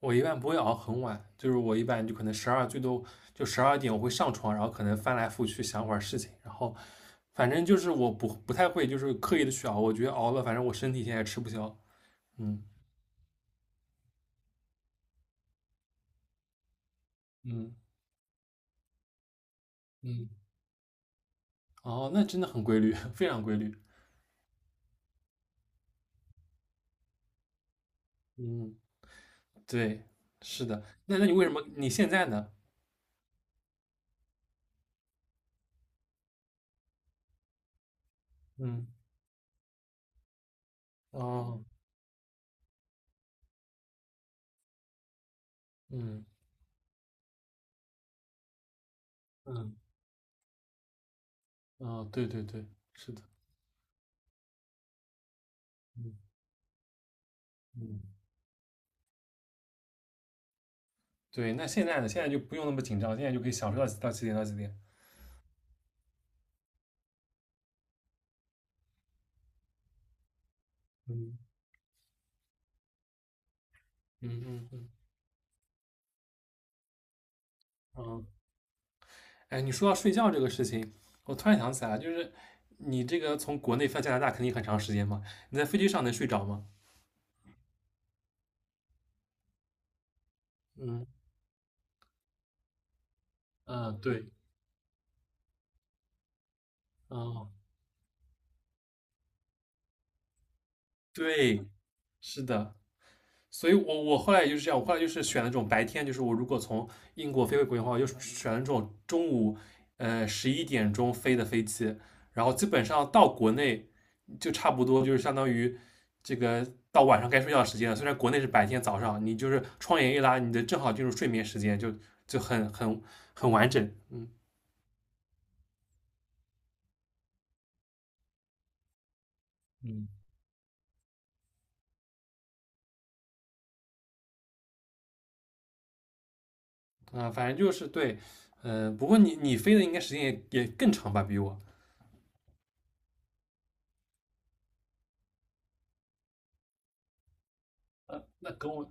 我一般不会熬很晚，就是我一般就可能十二最多就12点我会上床，然后可能翻来覆去想会儿事情，然后反正就是我不太会就是刻意的去熬，我觉得熬了反正我身体现在也吃不消。嗯嗯嗯。哦，那真的很规律，非常规律。嗯，对，是的。那你为什么你现在呢？嗯。哦。嗯嗯。哦，对对对，是的。嗯嗯，对，那现在呢？现在就不用那么紧张，现在就可以享受到几点到几点。嗯嗯嗯嗯。嗯，哎，你说到睡觉这个事情，我突然想起来，就是你这个从国内飞到加拿大肯定很长时间嘛，你在飞机上能睡着吗？嗯嗯，对。哦，对，是的。所以我后来也就是这样，我后来就是选了这种白天，就是我如果从英国飞回国内的话，我就选了这种中午11点钟飞的飞机，然后基本上到国内就差不多就是相当于这个到晚上该睡觉的时间了。虽然国内是白天，早上你就是窗帘一拉，你的正好进入睡眠时间，就很完整。嗯啊，反正就是对。不过你飞的应该时间也更长吧，比我。那跟我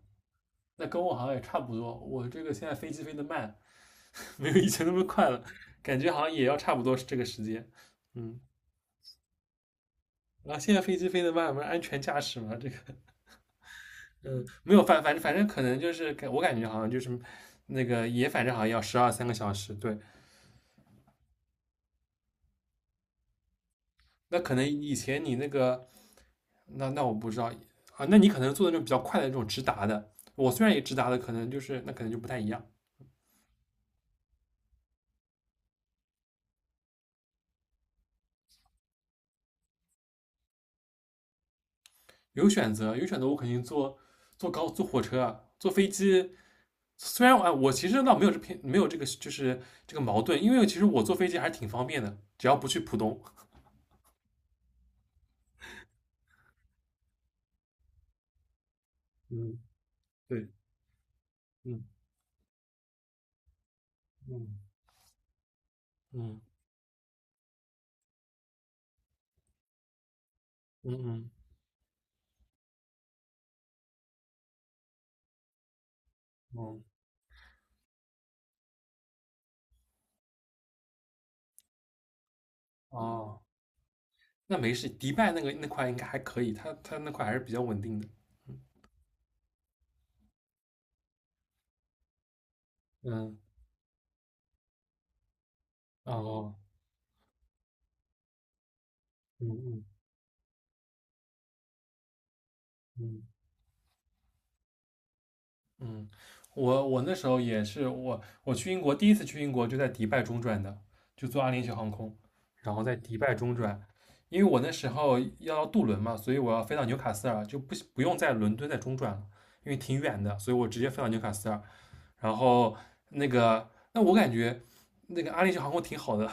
那跟我好像也差不多。我这个现在飞机飞得慢，没有以前那么快了，感觉好像也要差不多是这个时间。嗯，然后现在飞机飞得慢，不是安全驾驶嘛？这个没有反正可能就是我感觉好像就是那个也反正好像要12、13个小时。对。那可能以前你那个那我不知道啊，那你可能做的那种比较快的那种直达的，我虽然也直达的，可能就是那可能就不太一样。有选择，有选择，我肯定坐火车啊，坐飞机。虽然我哎我其实倒没有没有这个就是这个矛盾，因为其实我坐飞机还是挺方便的，只要不去浦东。嗯，对。嗯嗯嗯嗯嗯嗯。哦，那没事，迪拜那个那块应该还可以，它那块还是比较稳定的。嗯。哦。嗯嗯嗯嗯，我那时候也是我去英国第一次去英国就在迪拜中转的，就坐阿联酋航空，然后在迪拜中转，因为我那时候要渡轮嘛，所以我要飞到纽卡斯尔，就不用在伦敦再中转了，因为挺远的，所以我直接飞到纽卡斯尔。然后那个，那我感觉那个阿联酋航空挺好的。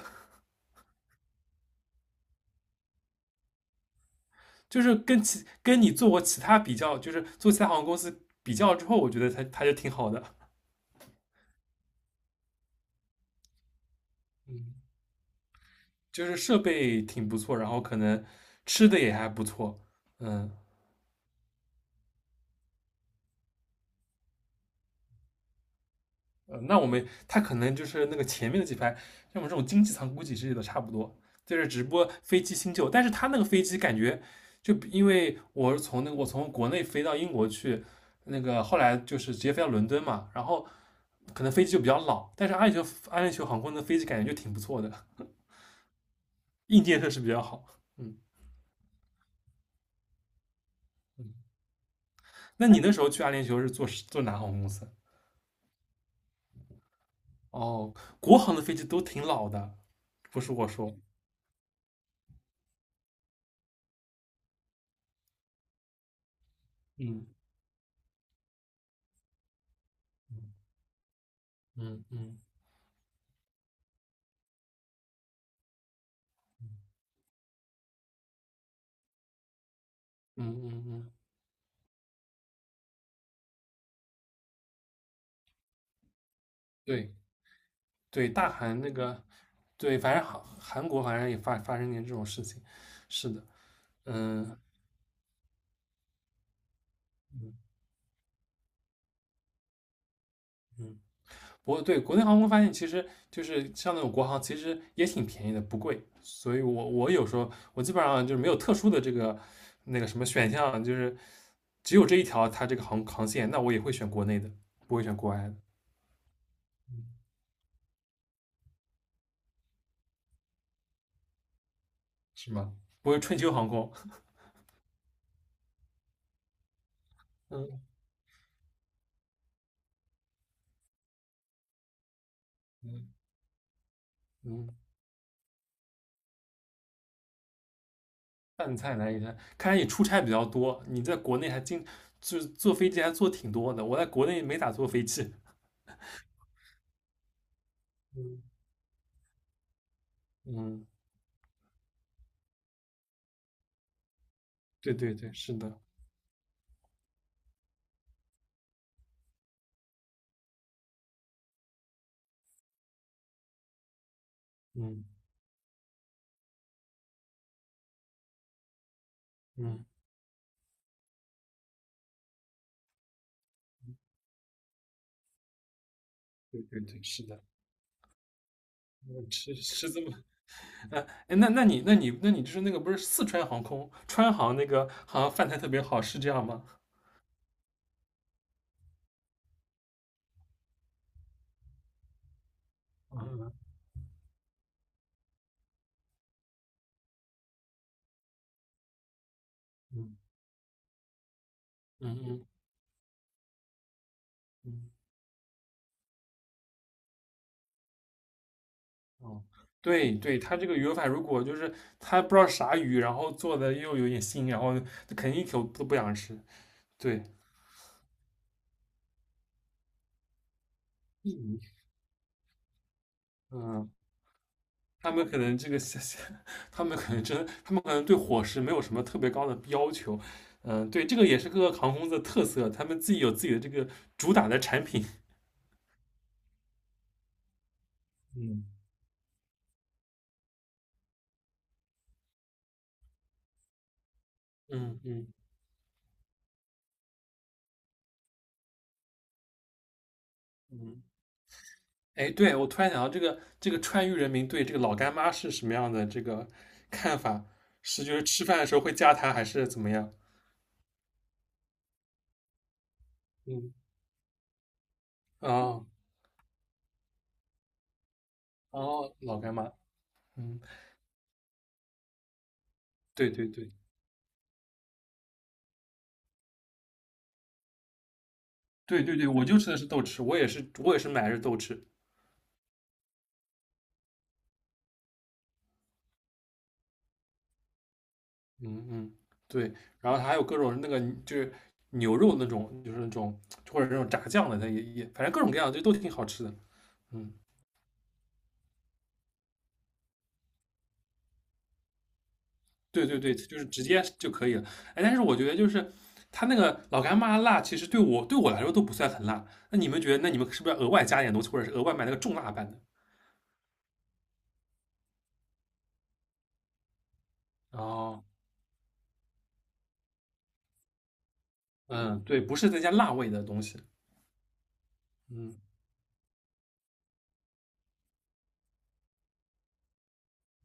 就是跟你做过其他比较，就是做其他航空公司比较之后，我觉得它就挺好的。就是设备挺不错，然后可能吃的也还不错。嗯。呃，那我们他可能就是那个前面的几排，像我们这种经济舱估计是的差不多，就是直播飞机新旧，但是他那个飞机感觉就因为我是从那个我从国内飞到英国去，那个后来就是直接飞到伦敦嘛，然后可能飞机就比较老，但是阿联酋航空的飞机感觉就挺不错的，硬件设施比较好。嗯嗯。那你那时候去阿联酋是坐哪航空公司？哦，国航的飞机都挺老的，不是我说。嗯嗯嗯嗯嗯嗯。对对，大韩那个，对，反正韩国好像也发生点这种事情，是的。嗯嗯，不过对国内航空发现，其实就是像那种国航，其实也挺便宜的，不贵。所以我有时候我基本上就是没有特殊的这个那个什么选项，就是只有这一条它这个航线，那我也会选国内的，不会选国外的。嗯，是吗？不会春秋航空。嗯嗯嗯。饭菜难一下，看来你出差比较多，你在国内还就是坐飞机还坐挺多的，我在国内没咋坐飞机。嗯嗯，对对对，是的。嗯嗯，对对对，是的。嗯吃是这么 呃，哎，那就是那个不是四川航空川航那个好像饭菜特别好，是这样吗？嗯嗯嗯嗯嗯。哦，对对，它这个鱼法饭如果就是它不知道啥鱼，然后做的又有点腥，然后就肯定一口都不想吃。对。印尼嗯，他们可能这个 他们可能真，他们可能对伙食没有什么特别高的要求。嗯，对，这个也是各个航空公司的特色，他们自己有自己的这个主打的产品。嗯嗯嗯嗯。哎，对，我突然想到这个这个川渝人民对这个老干妈是什么样的这个看法？是就是吃饭的时候会加它，还是怎么样？嗯。啊，哦，老干妈。嗯，对对对对对对，我就吃的是豆豉，我也是买的是豆豉。嗯嗯，对，然后它还有各种那个就是牛肉那种，就是那种或者那种炸酱的，它也反正各种各样就都挺好吃的。嗯，对对对，就是直接就可以了。哎，但是我觉得就是它那个老干妈辣，其实对我来说都不算很辣，那你们觉得那你们是不是要额外加点东西，或者是额外买那个重辣版的？哦。嗯，对，不是再加辣味的东西。嗯。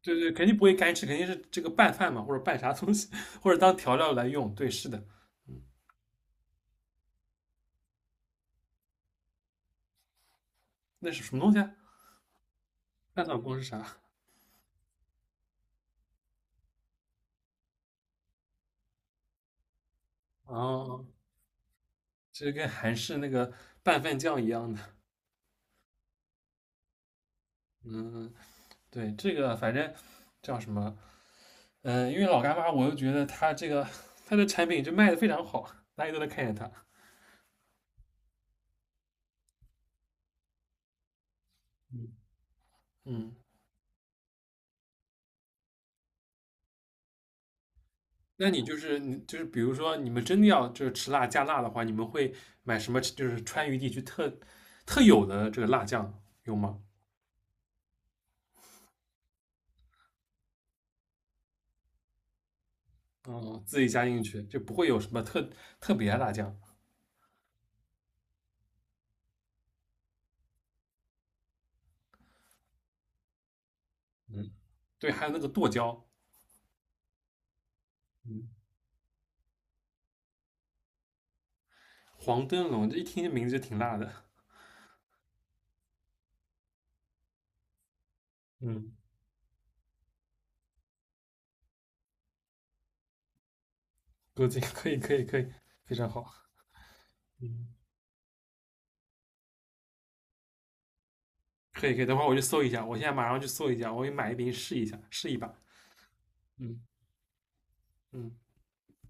对对，肯定不会干吃，肯定是这个拌饭嘛，或者拌啥东西，或者当调料来用。对，是的。嗯，那是什么东西啊？拌饭锅是啥？哦，这跟韩式那个拌饭酱一样的。嗯，对，这个反正叫什么？嗯，因为老干妈，我就觉得它这个它的产品就卖的非常好，大家都在看见它。嗯嗯，那你就是你就是，比如说你们真的要就是吃辣加辣的话，你们会买什么？就是川渝地区特有的这个辣酱有吗？嗯，自己加进去就不会有什么特别的辣酱。嗯，对，还有那个剁椒。嗯，黄灯笼，这一听这名字就挺辣的。嗯，够劲，可以，可以，可以，非常好。嗯，可以，可以，等会儿我去搜一下，我现在马上去搜一下，我去买一瓶试一下，试一把。嗯嗯，